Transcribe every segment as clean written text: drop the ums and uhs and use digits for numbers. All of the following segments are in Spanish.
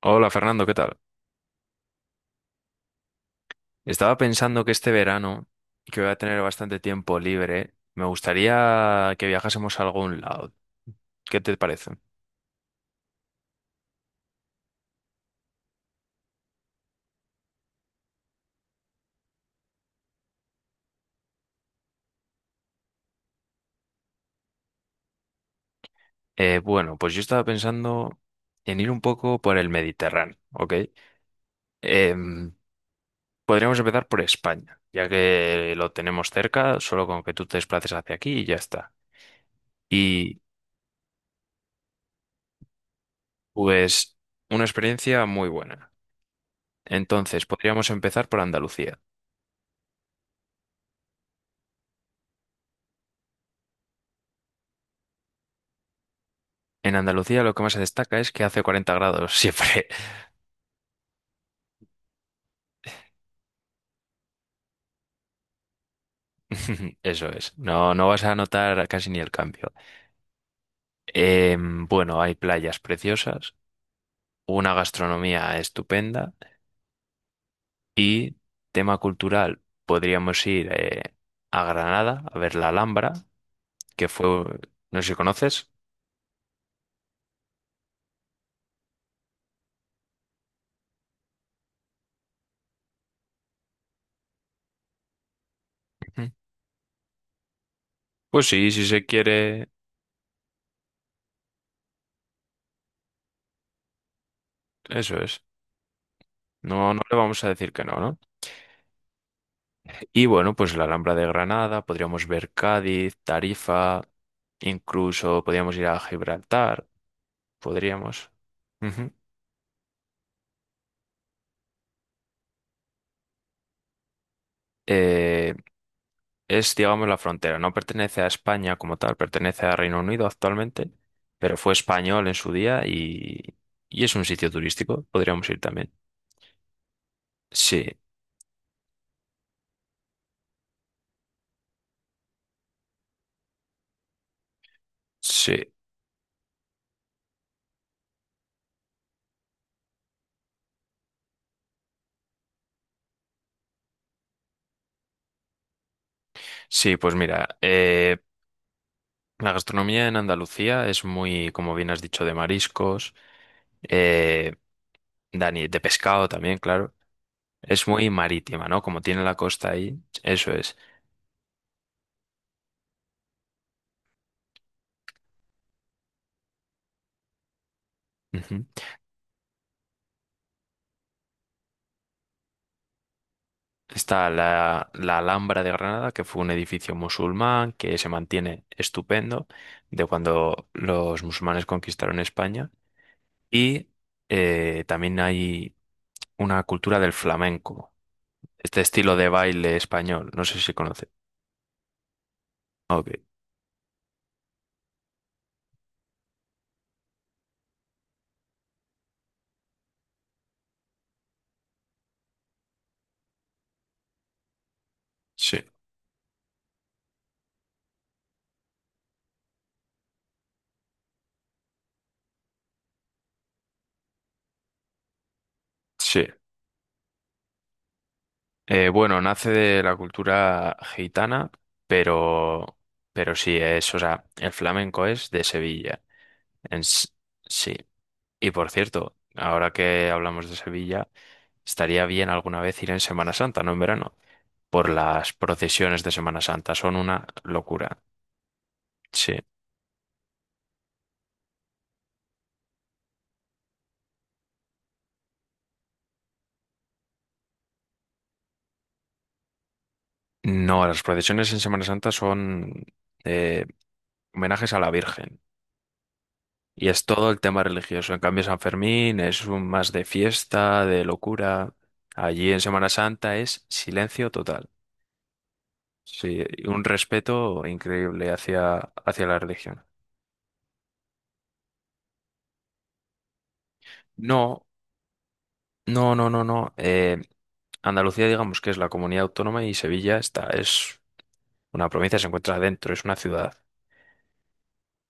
Hola Fernando, ¿qué tal? Estaba pensando que este verano, que voy a tener bastante tiempo libre, me gustaría que viajásemos a algún lado. ¿Qué te parece? Bueno, pues yo estaba pensando en ir un poco por el Mediterráneo, ¿ok? Em, Podríamos empezar por España, ya que lo tenemos cerca, solo con que tú te desplaces hacia aquí y ya está. Y pues una experiencia muy buena. Entonces, podríamos empezar por Andalucía. En Andalucía lo que más se destaca es que hace 40 grados siempre. Eso es, no, no vas a notar casi ni el cambio. Hay playas preciosas, una gastronomía estupenda y tema cultural, podríamos ir a Granada a ver la Alhambra, que fue, no sé si conoces. Ujú. Pues sí, si se quiere, eso es. No, no le vamos a decir que no, ¿no? Y bueno, pues la Alhambra de Granada, podríamos ver Cádiz, Tarifa, incluso podríamos ir a Gibraltar, podríamos. Ujú. Eh, Es, digamos, la frontera. No pertenece a España como tal, pertenece a Reino Unido actualmente, pero fue español en su día y es un sitio turístico. Podríamos ir también. Sí, sí, sí, pues mira, la gastronomía en Andalucía es muy, como bien has dicho, de mariscos, eh, Dani, de pescado también, claro. Es muy marítima, ¿no? Como tiene la costa ahí, eso es. Ujú. Está la Alhambra de Granada, que fue un edificio musulmán que se mantiene estupendo de cuando los musulmanes conquistaron España. Y también hay una cultura del flamenco, este estilo de baile español. No sé si conoce. Ok, sí, sí. Bueno, nace de la cultura gitana, pero, pero sí es, o sea, el flamenco es de Sevilla. En, sí. Y por cierto, ahora que hablamos de Sevilla, estaría bien alguna vez ir en Semana Santa, no en verano, por las procesiones de Semana Santa. Son una locura. Sí. No, las procesiones en Semana Santa son eh, homenajes a la Virgen. Y es todo el tema religioso. En cambio, San Fermín es un más de fiesta, de locura. Allí en Semana Santa es silencio total. Sí, y un respeto increíble hacia, hacia la religión. No. No, no, no, no. Andalucía, digamos que es la comunidad autónoma y Sevilla está, es una provincia, se encuentra dentro, es una ciudad.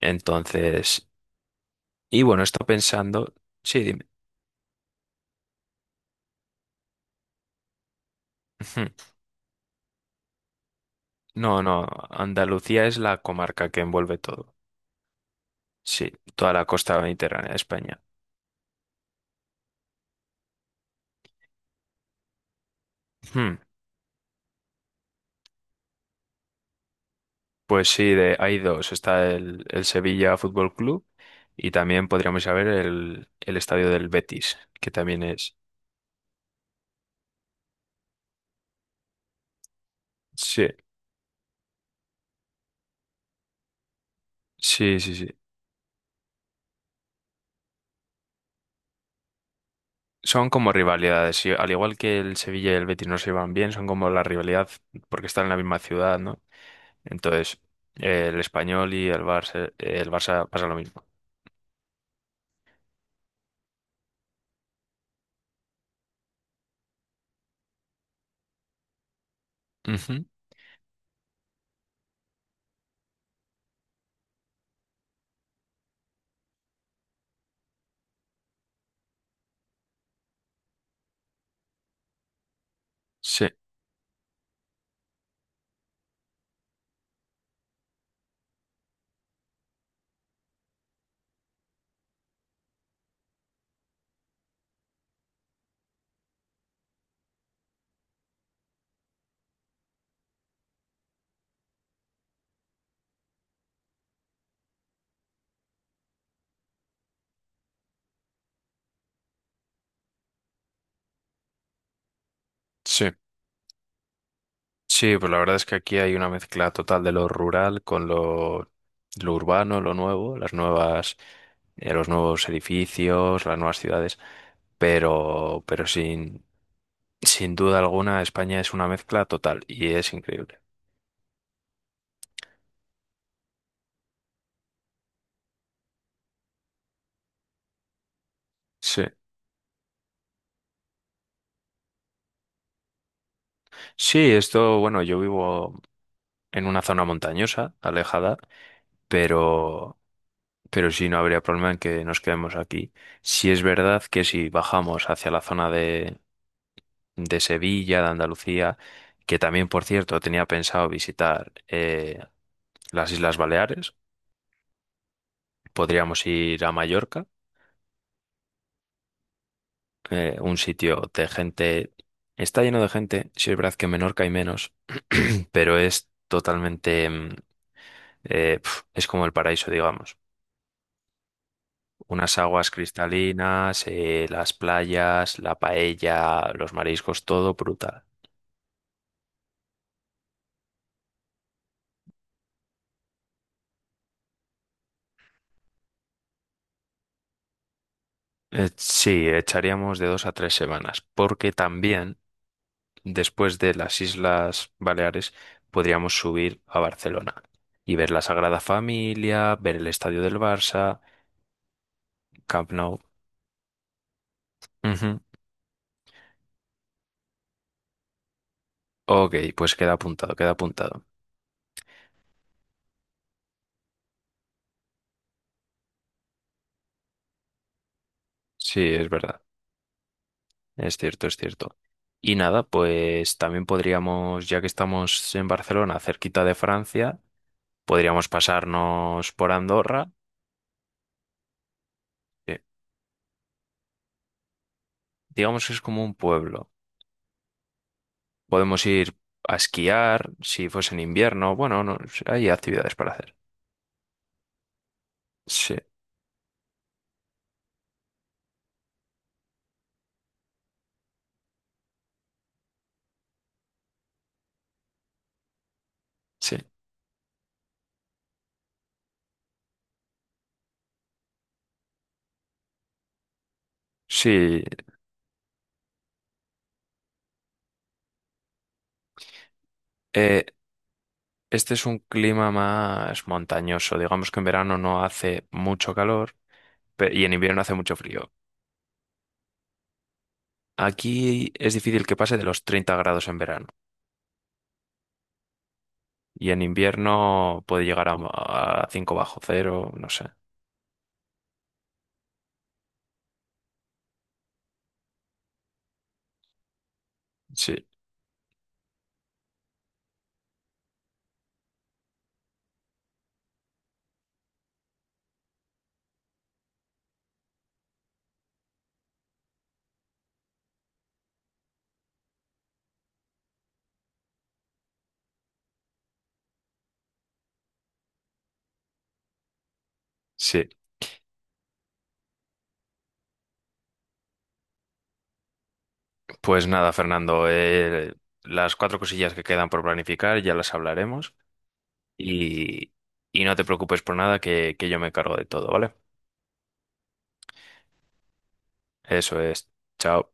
Entonces, y bueno, estoy pensando, sí, dime. No, no, Andalucía es la comarca que envuelve todo. Sí, toda la costa mediterránea de España. Hmm, Pues sí, de, hay dos. Está el Sevilla Fútbol Club y también podríamos saber el estadio del Betis, que también es. Sí, sí, sí, sí. Son como rivalidades, y al igual que el Sevilla y el Betis no se llevan bien, son como la rivalidad porque están en la misma ciudad, ¿no? Entonces, el Español y el Barça pasa lo mismo. Ujú. Sí, sí, sí, pues la verdad es que aquí hay una mezcla total de lo rural con lo urbano, lo nuevo, las nuevas, los nuevos edificios, las nuevas ciudades, pero, pero sin duda alguna España es una mezcla total y es increíble. Sí. Sí, esto, bueno, yo vivo en una zona montañosa, alejada, pero, pero sí no habría problema en que nos quedemos aquí. Si es verdad que si bajamos hacia la zona de Sevilla, de Andalucía, que también, por cierto, tenía pensado visitar las Islas Baleares, podríamos ir a Mallorca, un sitio de gente, está lleno de gente, sí es verdad que en Menorca hay menos, pero es totalmente, es como el paraíso, digamos. Unas aguas cristalinas, las playas, la paella, los mariscos, todo brutal. Sí, echaríamos de 2 a 3 semanas, porque también después de las Islas Baleares podríamos subir a Barcelona y ver la Sagrada Familia, ver el estadio del Barça, Camp Nou. Ujú. Ok, pues queda apuntado, queda apuntado. Sí, es verdad, es cierto, es cierto. Y nada, pues también podríamos, ya que estamos en Barcelona, cerquita de Francia, podríamos pasarnos por Andorra, que digamos que es como un pueblo. Podemos ir a esquiar si fuese en invierno. Bueno, no, hay actividades para hacer. Sí, sí. Sí, eh, este es un clima más montañoso. Digamos que en verano no hace mucho calor y en invierno hace mucho frío. Aquí es difícil que pase de los 30 grados en verano y en invierno puede llegar a 5 bajo cero, no sé. Sí, sí. Pues nada, Fernando, las cuatro cosillas que quedan por planificar ya las hablaremos y, y no te preocupes por nada que, que yo me encargo de todo, ¿vale? Eso es. Chao.